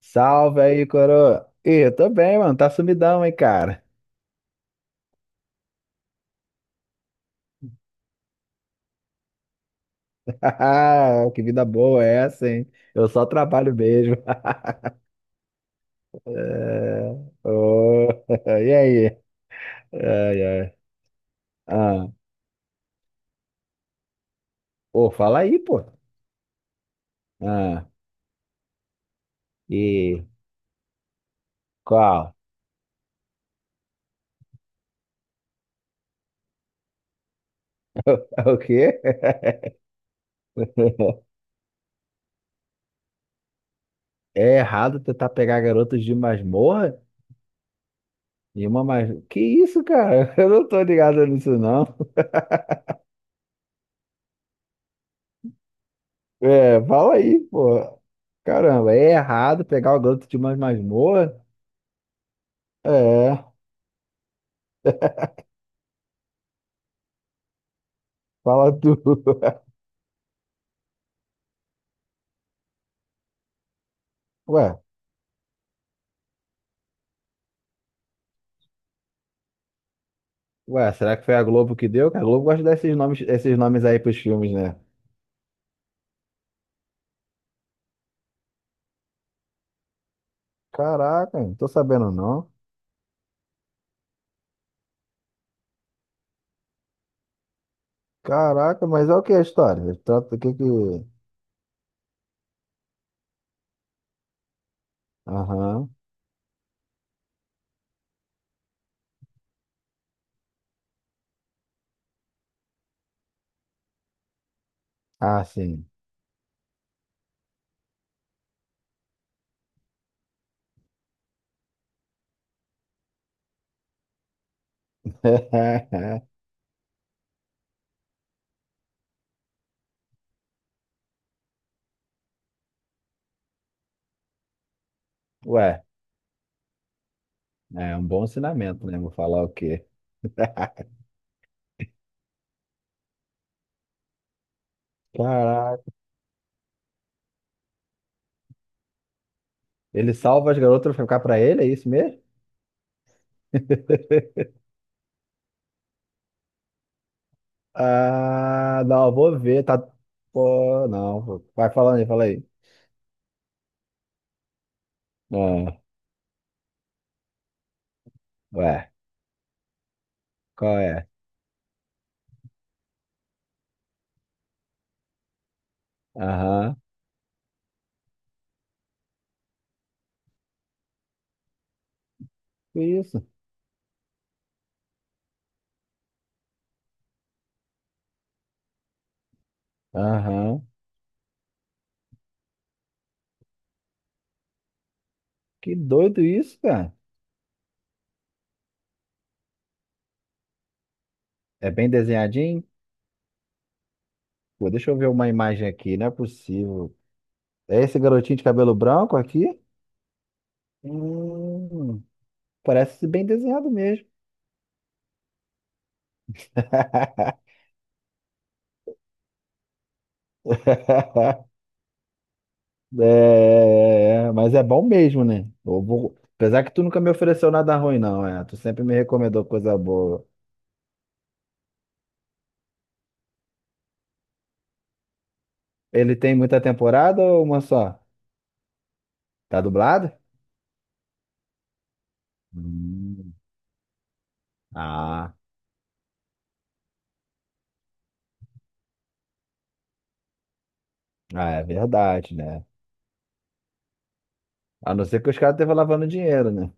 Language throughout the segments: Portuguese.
Salve aí, coroa. Ih, eu tô bem, mano. Tá sumidão, hein, cara. Que vida boa é essa, hein? Eu só trabalho mesmo. É, ô, E aí? Ai, ai. Ah, pô, fala aí, pô. Ah, e qual? O quê? É errado tentar pegar garotos de masmorra? Que isso, cara? Eu não tô ligado nisso, não. É, fala aí, pô. Caramba, é errado pegar o garoto de uma masmorra? É, fala tu. Ué, ué, será que foi a Globo que deu? Que a Globo gosta desses nomes, esses nomes aí pros filmes, né? Caraca, não tô sabendo não. Caraca, mas é o que a história? Trata o que que... Aham. Ah, sim. Ué, é um bom ensinamento, né? Vou falar o quê? Caraca. Ele salva as garotas pra ficar pra ele, é isso mesmo? Ah, não, eu vou ver, tá... Pô, não. Vai falando aí, fala aí. Ah, ué, qual é? Aham, que isso. Aham, que doido isso, cara. É bem desenhadinho? Pô, deixa eu ver uma imagem aqui, não é possível. É esse garotinho de cabelo branco aqui? Hum, Parece bem desenhado mesmo. É, é, mas é bom mesmo, né? Apesar que tu nunca me ofereceu nada ruim, não, é. Tu sempre me recomendou coisa boa. Ele tem muita temporada ou uma só? Tá dublado? Hum, Ah, ah, é verdade, né? A não ser que os caras estejam lavando dinheiro, né?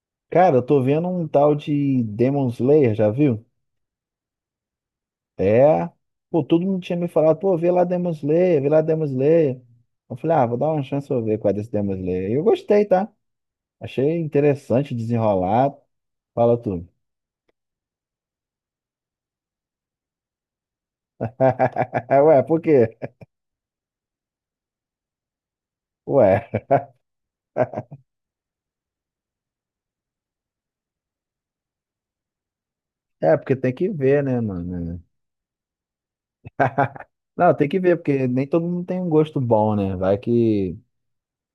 Cara, eu tô vendo um tal de Demon Slayer, já viu? É. Pô, todo mundo tinha me falado, pô, vê lá Demon Slayer, vê lá Demon Slayer. Eu falei, ah, vou dar uma chance pra eu ver qual é desse Demon Slayer. E eu gostei, tá? Achei interessante desenrolar. Fala tudo. Ué, por quê? Ué, é porque tem que ver, né, mano? Não, tem que ver, porque nem todo mundo tem um gosto bom, né? Vai que,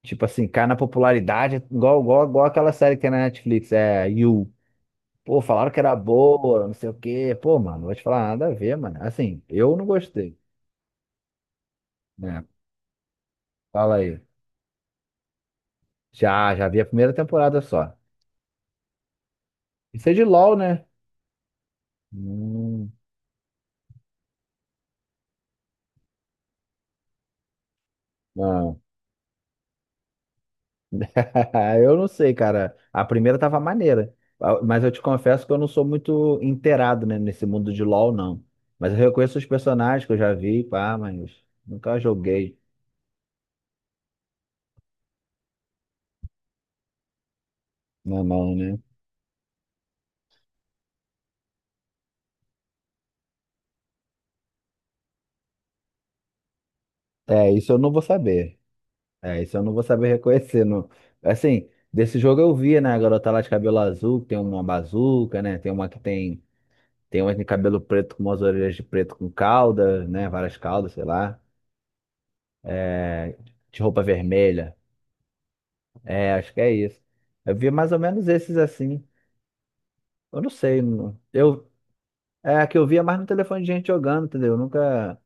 tipo assim, cai na popularidade, igual aquela série que tem na Netflix, é You. Pô, falaram que era boa, não sei o quê. Pô, mano, não vou te falar nada a ver, mano. Assim, eu não gostei, né? Fala aí. Já vi a primeira temporada só. Isso é de LOL, né? Hum, não. Eu não sei, cara. A primeira tava maneira. Ah, mas eu te confesso que eu não sou muito inteirado, né, nesse mundo de LOL, não. Mas eu reconheço os personagens que eu já vi, pá, mas nunca joguei na mão, né? É, isso eu não vou saber. É, isso eu não vou saber reconhecer. Não. Assim, desse jogo eu via, né? A garota lá de cabelo azul, que tem uma bazuca, né? Tem uma que tem. Tem uma que tem cabelo preto com umas orelhas de preto com cauda, né? Várias caudas, sei lá. É, de roupa vermelha. É, acho que é isso. Eu via mais ou menos esses assim. Eu não sei. É, a que eu via mais no telefone de gente jogando, entendeu? Eu nunca,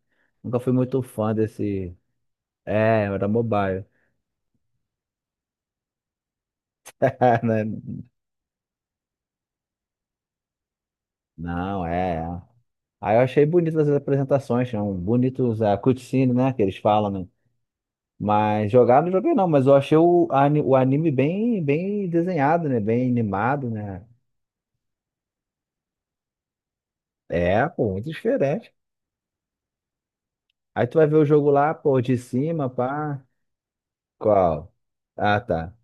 nunca fui muito fã desse. É, era mobile. Não, é. Aí eu achei bonitas as apresentações, são bonitos a cutscene, né, que eles falam, né? Mas jogar não joguei não, mas eu achei o anime bem, bem desenhado, né? Bem animado, né? É, pô, muito diferente. Aí tu vai ver o jogo lá, pô, de cima, pá. Qual? Ah, tá.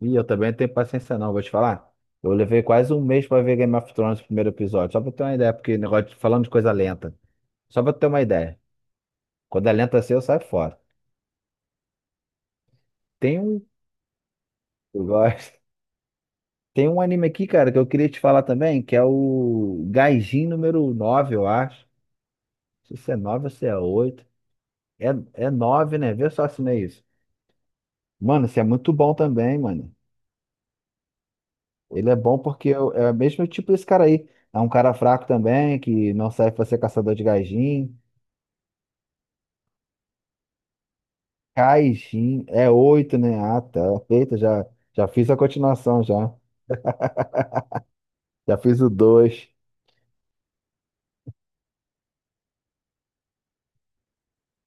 Ih, eu também não tenho paciência não, vou te falar. Eu levei quase um mês pra ver Game of Thrones, o primeiro episódio, só pra ter uma ideia, porque negócio falando de coisa lenta. Só pra ter uma ideia. Quando é lenta assim, eu saio fora. Tem um... Eu gosto. Tem um anime aqui, cara, que eu queria te falar também, que é o Gaijin número 9, eu acho. Não sei se é 9 ou se é oito. É, é nove, né? Vê só se não é isso. Mano, esse é muito bom também, mano. Ele é bom porque é o mesmo tipo desse cara aí. É um cara fraco também, que não serve pra ser caçador de Gaijin. Gaijin é oito, né? Ah, tá. Feita, já fiz a continuação, já. Já fiz o dois.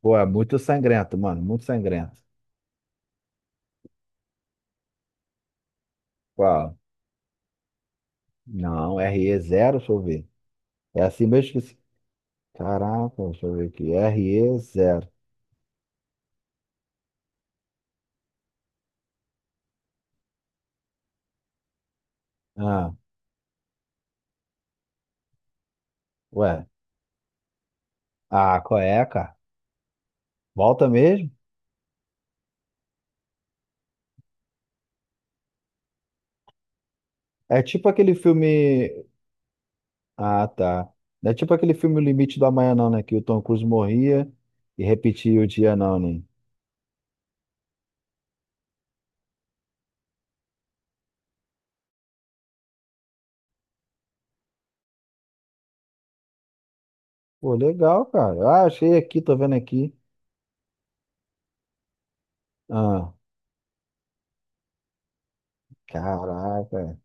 Pô, é muito sangrento, mano. Muito sangrento. Qual? Não, re zero, deixa eu ver. É assim mesmo que se... Caraca, deixa eu ver aqui. R e zero. Ah, ué. Ah, qual é, cara? Volta mesmo? É tipo aquele filme. Ah, tá. Não é tipo aquele filme O Limite do Amanhã, não, né? Que o Tom Cruise morria e repetia o dia, não, né? Pô, legal, cara. Ah, achei aqui, tô vendo aqui. Ah, caraca.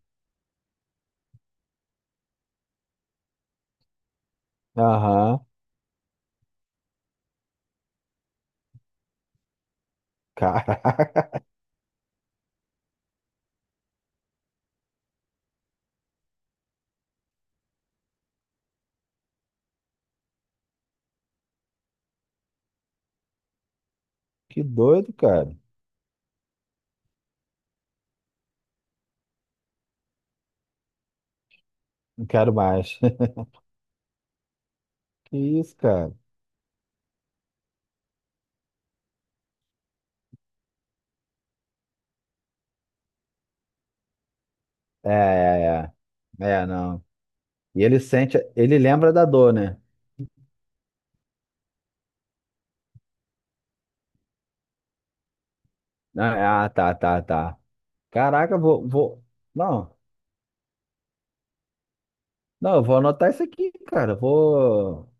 Aham. Caraca. Que doido, cara. Não quero mais. Que isso, cara? É, é, é. É, não. E ele sente, ele lembra da dor, né? Ah, ah, tá, tá, tá. Caraca, vou, vou. Não, não, eu vou anotar isso aqui, cara. Vou.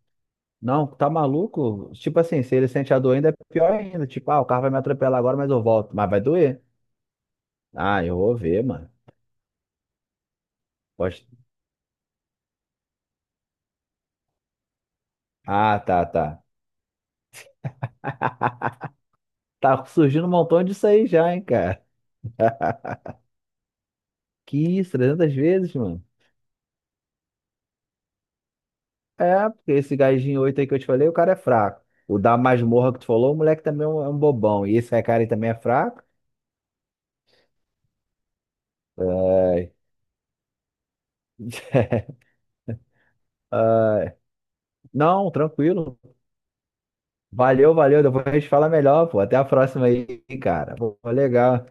Não, tá maluco? Tipo assim, se ele sente a dor ainda, é pior ainda. Tipo, ah, o carro vai me atropelar agora, mas eu volto. Mas vai doer. Ah, eu vou ver, mano. Pode... Ah, tá, tá. Tá surgindo um montão disso aí já, hein, cara. Que isso, 300 vezes, mano. É, porque esse gajinho 8 aí que eu te falei, o cara é fraco. O da masmorra que tu falou, o moleque também é um bobão. E esse cara aí também é fraco. É. Não, tranquilo. Valeu, valeu. Depois a gente fala melhor, pô. Até a próxima aí, cara. Pô, legal.